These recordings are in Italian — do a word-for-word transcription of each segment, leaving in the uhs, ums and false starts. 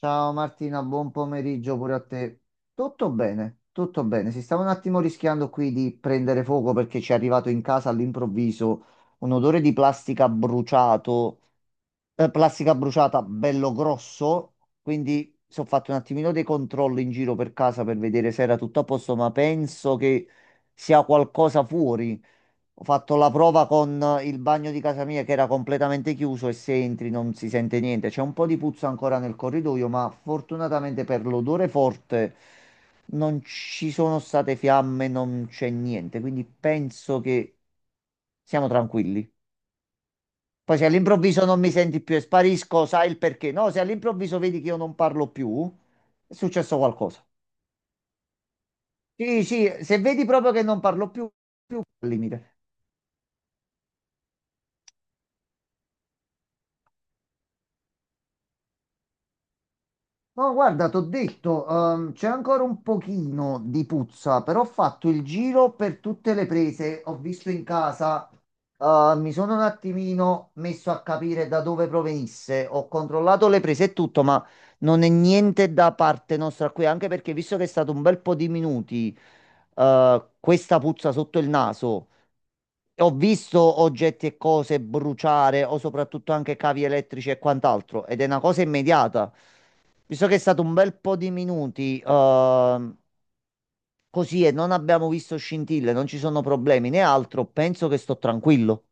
Ciao Martina, buon pomeriggio pure a te. Tutto bene, tutto bene. Si stava un attimo rischiando qui di prendere fuoco perché ci è arrivato in casa all'improvviso un odore di plastica bruciato, eh, plastica bruciata bello grosso, quindi ho fatto un attimino dei controlli in giro per casa per vedere se era tutto a posto, ma penso che sia qualcosa fuori. Ho fatto la prova con il bagno di casa mia che era completamente chiuso e se entri non si sente niente. C'è un po' di puzza ancora nel corridoio, ma fortunatamente per l'odore forte non ci sono state fiamme, non c'è niente. Quindi penso che siamo tranquilli. Poi se all'improvviso non mi senti più e sparisco, sai il perché. No, se all'improvviso vedi che io non parlo più, è successo qualcosa. Sì, sì, se vedi proprio che non parlo più, al limite. No, guarda, t'ho detto, ehm, c'è ancora un pochino di puzza, però ho fatto il giro per tutte le prese, ho visto in casa, eh, mi sono un attimino messo a capire da dove provenisse, ho controllato le prese e tutto, ma non è niente da parte nostra qui, anche perché visto che è stato un bel po' di minuti, eh, questa puzza sotto il naso. Ho visto oggetti e cose bruciare o soprattutto anche cavi elettrici e quant'altro ed è una cosa immediata. Visto che è stato un bel po' di minuti ehm, così e non abbiamo visto scintille, non ci sono problemi né altro, penso che sto tranquillo.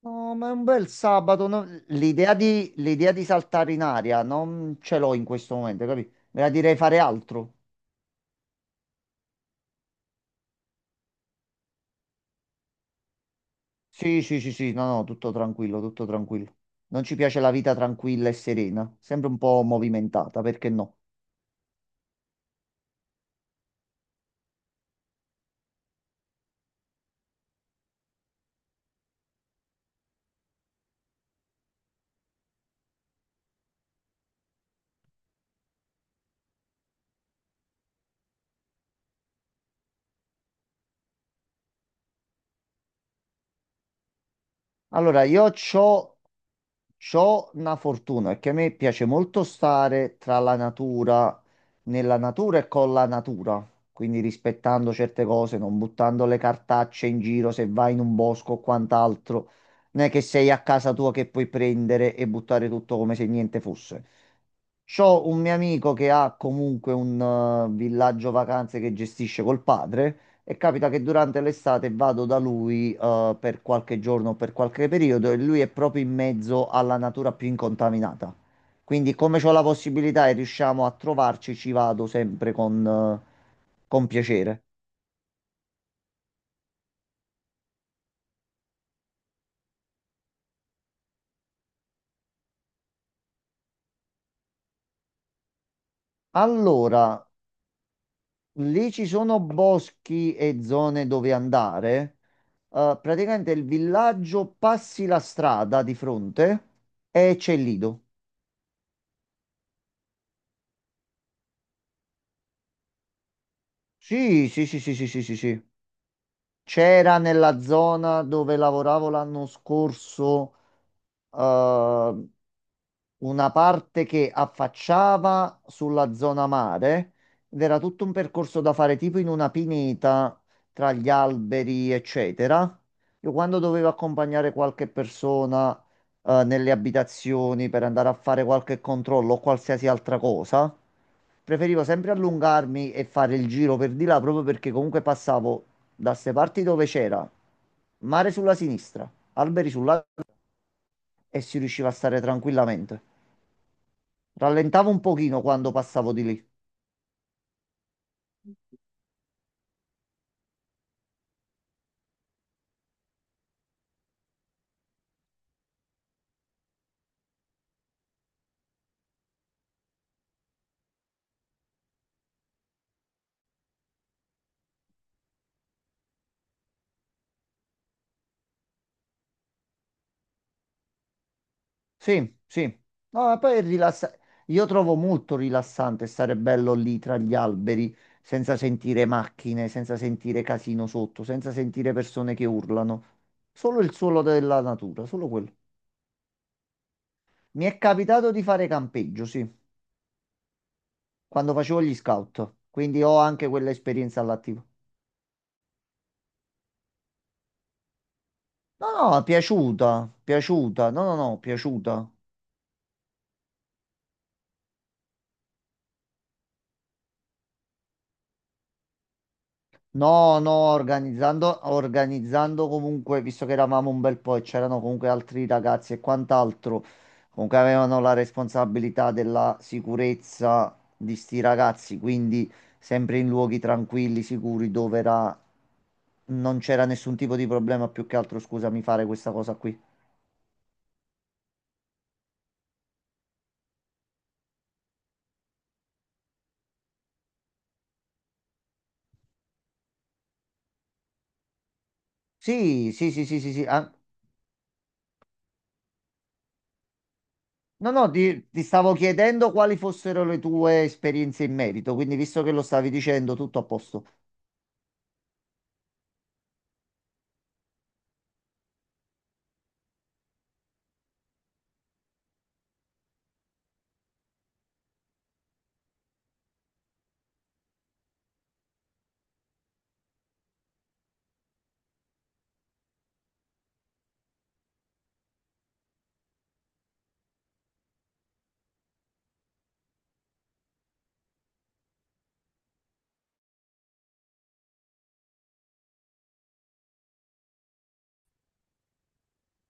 No, ma è un bel sabato, no? L'idea di, l'idea di saltare in aria non ce l'ho in questo momento, capito? Me la direi fare altro. Sì, sì, sì, sì, no, no, tutto tranquillo, tutto tranquillo. Non ci piace la vita tranquilla e serena, sempre un po' movimentata, perché no? Allora, io c'ho, c'ho una fortuna, perché a me piace molto stare tra la natura, nella natura e con la natura, quindi rispettando certe cose, non buttando le cartacce in giro se vai in un bosco o quant'altro. Non è che sei a casa tua che puoi prendere e buttare tutto come se niente fosse. C'ho un mio amico che ha comunque un eh, villaggio vacanze che gestisce col padre. E capita che durante l'estate vado da lui, eh, per qualche giorno, per qualche periodo, e lui è proprio in mezzo alla natura più incontaminata. Quindi, come ho la possibilità e riusciamo a trovarci, ci vado sempre con, eh, con piacere. Allora, lì ci sono boschi e zone dove andare. Eh, praticamente il villaggio passi la strada di fronte e c'è il lido. Sì, sì, sì, sì, sì, sì, sì, sì. C'era nella zona dove lavoravo l'anno scorso, eh, una parte che affacciava sulla zona mare ed era tutto un percorso da fare tipo in una pineta tra gli alberi, eccetera. Io quando dovevo accompagnare qualche persona eh, nelle abitazioni per andare a fare qualche controllo o qualsiasi altra cosa, preferivo sempre allungarmi e fare il giro per di là proprio perché comunque passavo da ste parti dove c'era mare sulla sinistra, alberi sulla, e si riusciva a stare tranquillamente. Rallentavo un pochino quando passavo di lì. Sì, sì. No, ma poi è rilassa- io trovo molto rilassante stare bello lì tra gli alberi, senza sentire macchine, senza sentire casino sotto, senza sentire persone che urlano. Solo il suolo della natura, solo quello. Mi è capitato di fare campeggio, sì, quando facevo gli scout, quindi ho anche quell'esperienza all'attivo. No, no, piaciuta, piaciuta, no, no, no, piaciuta. No, no, organizzando, organizzando comunque, visto che eravamo un bel po' e c'erano comunque altri ragazzi e quant'altro, comunque avevano la responsabilità della sicurezza di sti ragazzi, quindi sempre in luoghi tranquilli, sicuri, dove era, non c'era nessun tipo di problema, più che altro, scusami, fare questa cosa qui. Sì, sì, sì, sì, sì, sì. Ah. No, no, ti, ti stavo chiedendo quali fossero le tue esperienze in merito, quindi visto che lo stavi dicendo, tutto a posto.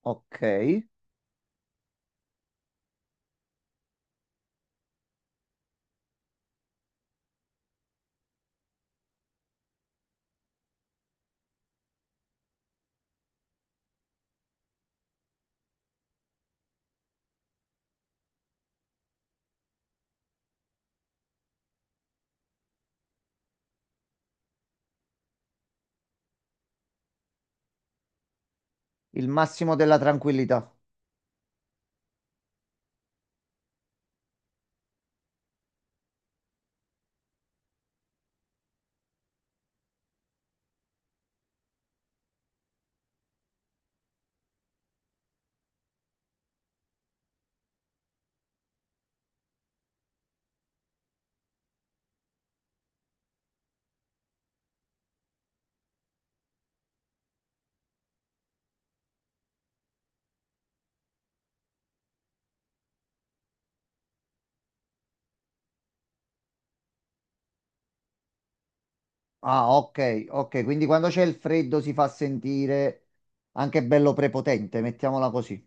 Ok. Il massimo della tranquillità. Ah, ok, ok. Quindi quando c'è il freddo si fa sentire anche bello prepotente, mettiamola così.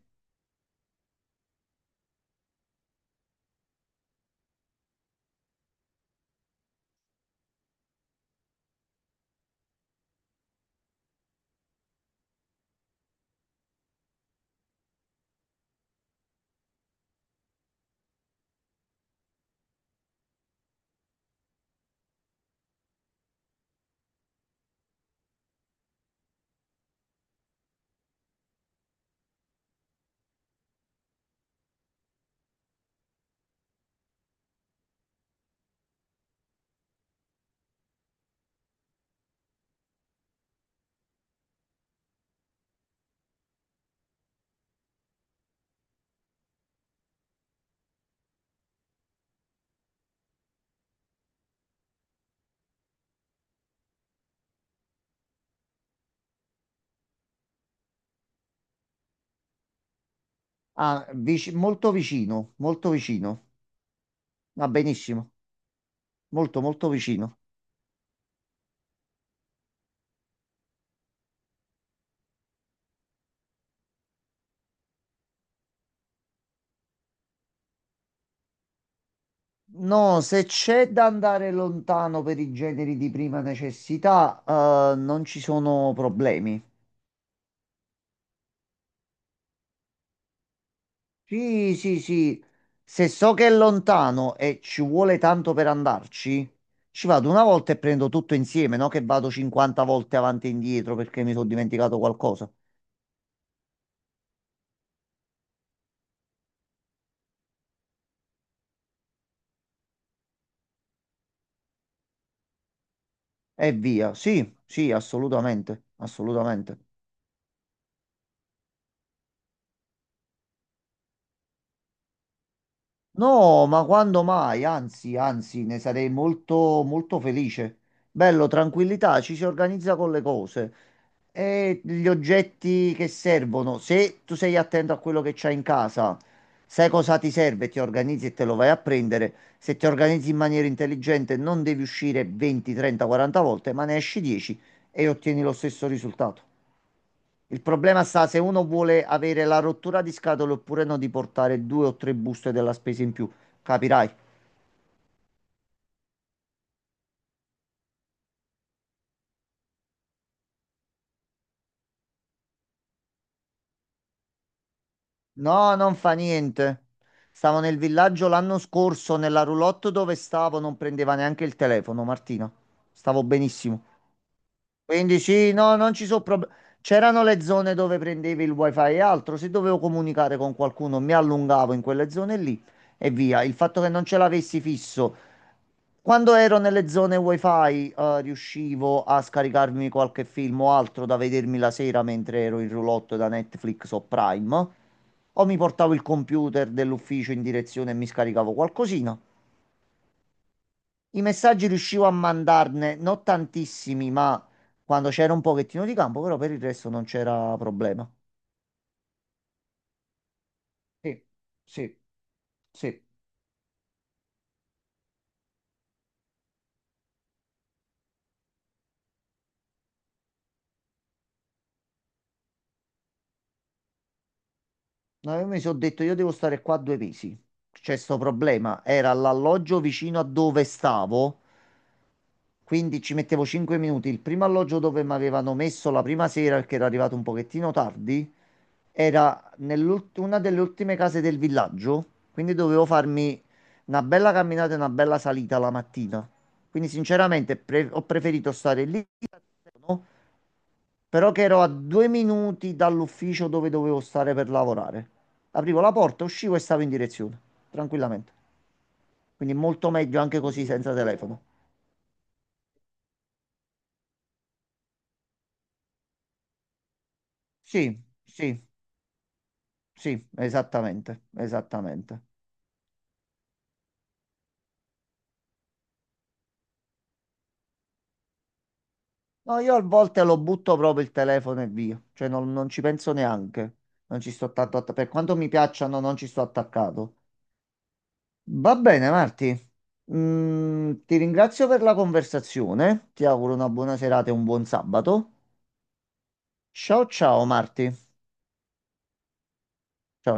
Ah, vic- molto vicino, molto vicino. Va benissimo, molto, molto vicino. No, se c'è da andare lontano per i generi di prima necessità, eh, non ci sono problemi. Sì, sì, sì. Se so che è lontano e ci vuole tanto per andarci, ci vado una volta e prendo tutto insieme, no? Che vado cinquanta volte avanti e indietro perché mi sono dimenticato qualcosa. E via. Sì, sì, assolutamente, assolutamente. No, ma quando mai? Anzi, anzi, ne sarei molto, molto felice. Bello, tranquillità, ci si organizza con le cose. E gli oggetti che servono, se tu sei attento a quello che c'hai in casa, sai cosa ti serve, ti organizzi e te lo vai a prendere. Se ti organizzi in maniera intelligente, non devi uscire venti, trenta, quaranta volte, ma ne esci dieci e ottieni lo stesso risultato. Il problema sta se uno vuole avere la rottura di scatole oppure no di portare due o tre buste della spesa in più. Capirai? No, non fa niente. Stavo nel villaggio l'anno scorso, nella roulotte dove stavo, non prendeva neanche il telefono, Martina. Stavo benissimo. Quindi sì, no, non ci sono problemi. C'erano le zone dove prendevi il wifi e altro, se dovevo comunicare con qualcuno mi allungavo in quelle zone lì e via. Il fatto che non ce l'avessi fisso, quando ero nelle zone wifi, eh, riuscivo a scaricarmi qualche film o altro da vedermi la sera mentre ero in roulotte da Netflix o Prime, o mi portavo il computer dell'ufficio in direzione e mi scaricavo qualcosina. I messaggi riuscivo a mandarne, non tantissimi, ma quando c'era un pochettino di campo, però per il resto non c'era problema. Sì, sì, sì. No, io mi sono detto, io devo stare qua due mesi. C'è sto problema. Era l'alloggio vicino a dove stavo, quindi ci mettevo cinque minuti. Il primo alloggio dove mi avevano messo la prima sera, perché era arrivato un pochettino tardi. Era nell'ult- una delle ultime case del villaggio, quindi dovevo farmi una bella camminata e una bella salita la mattina. Quindi sinceramente pre- ho preferito stare lì, no? Però che ero a due minuti dall'ufficio dove dovevo stare per lavorare. Aprivo la porta, uscivo e stavo in direzione, tranquillamente. Quindi molto meglio anche così senza telefono. Sì, sì, sì, esattamente, esattamente. No, io a volte lo butto proprio il telefono e via, cioè non, non ci penso neanche, non ci sto tanto att- per quanto mi piacciono non ci sto attaccato. Va bene, Marti. Mm, ti ringrazio per la conversazione, ti auguro una buona serata e un buon sabato. Ciao ciao Marti.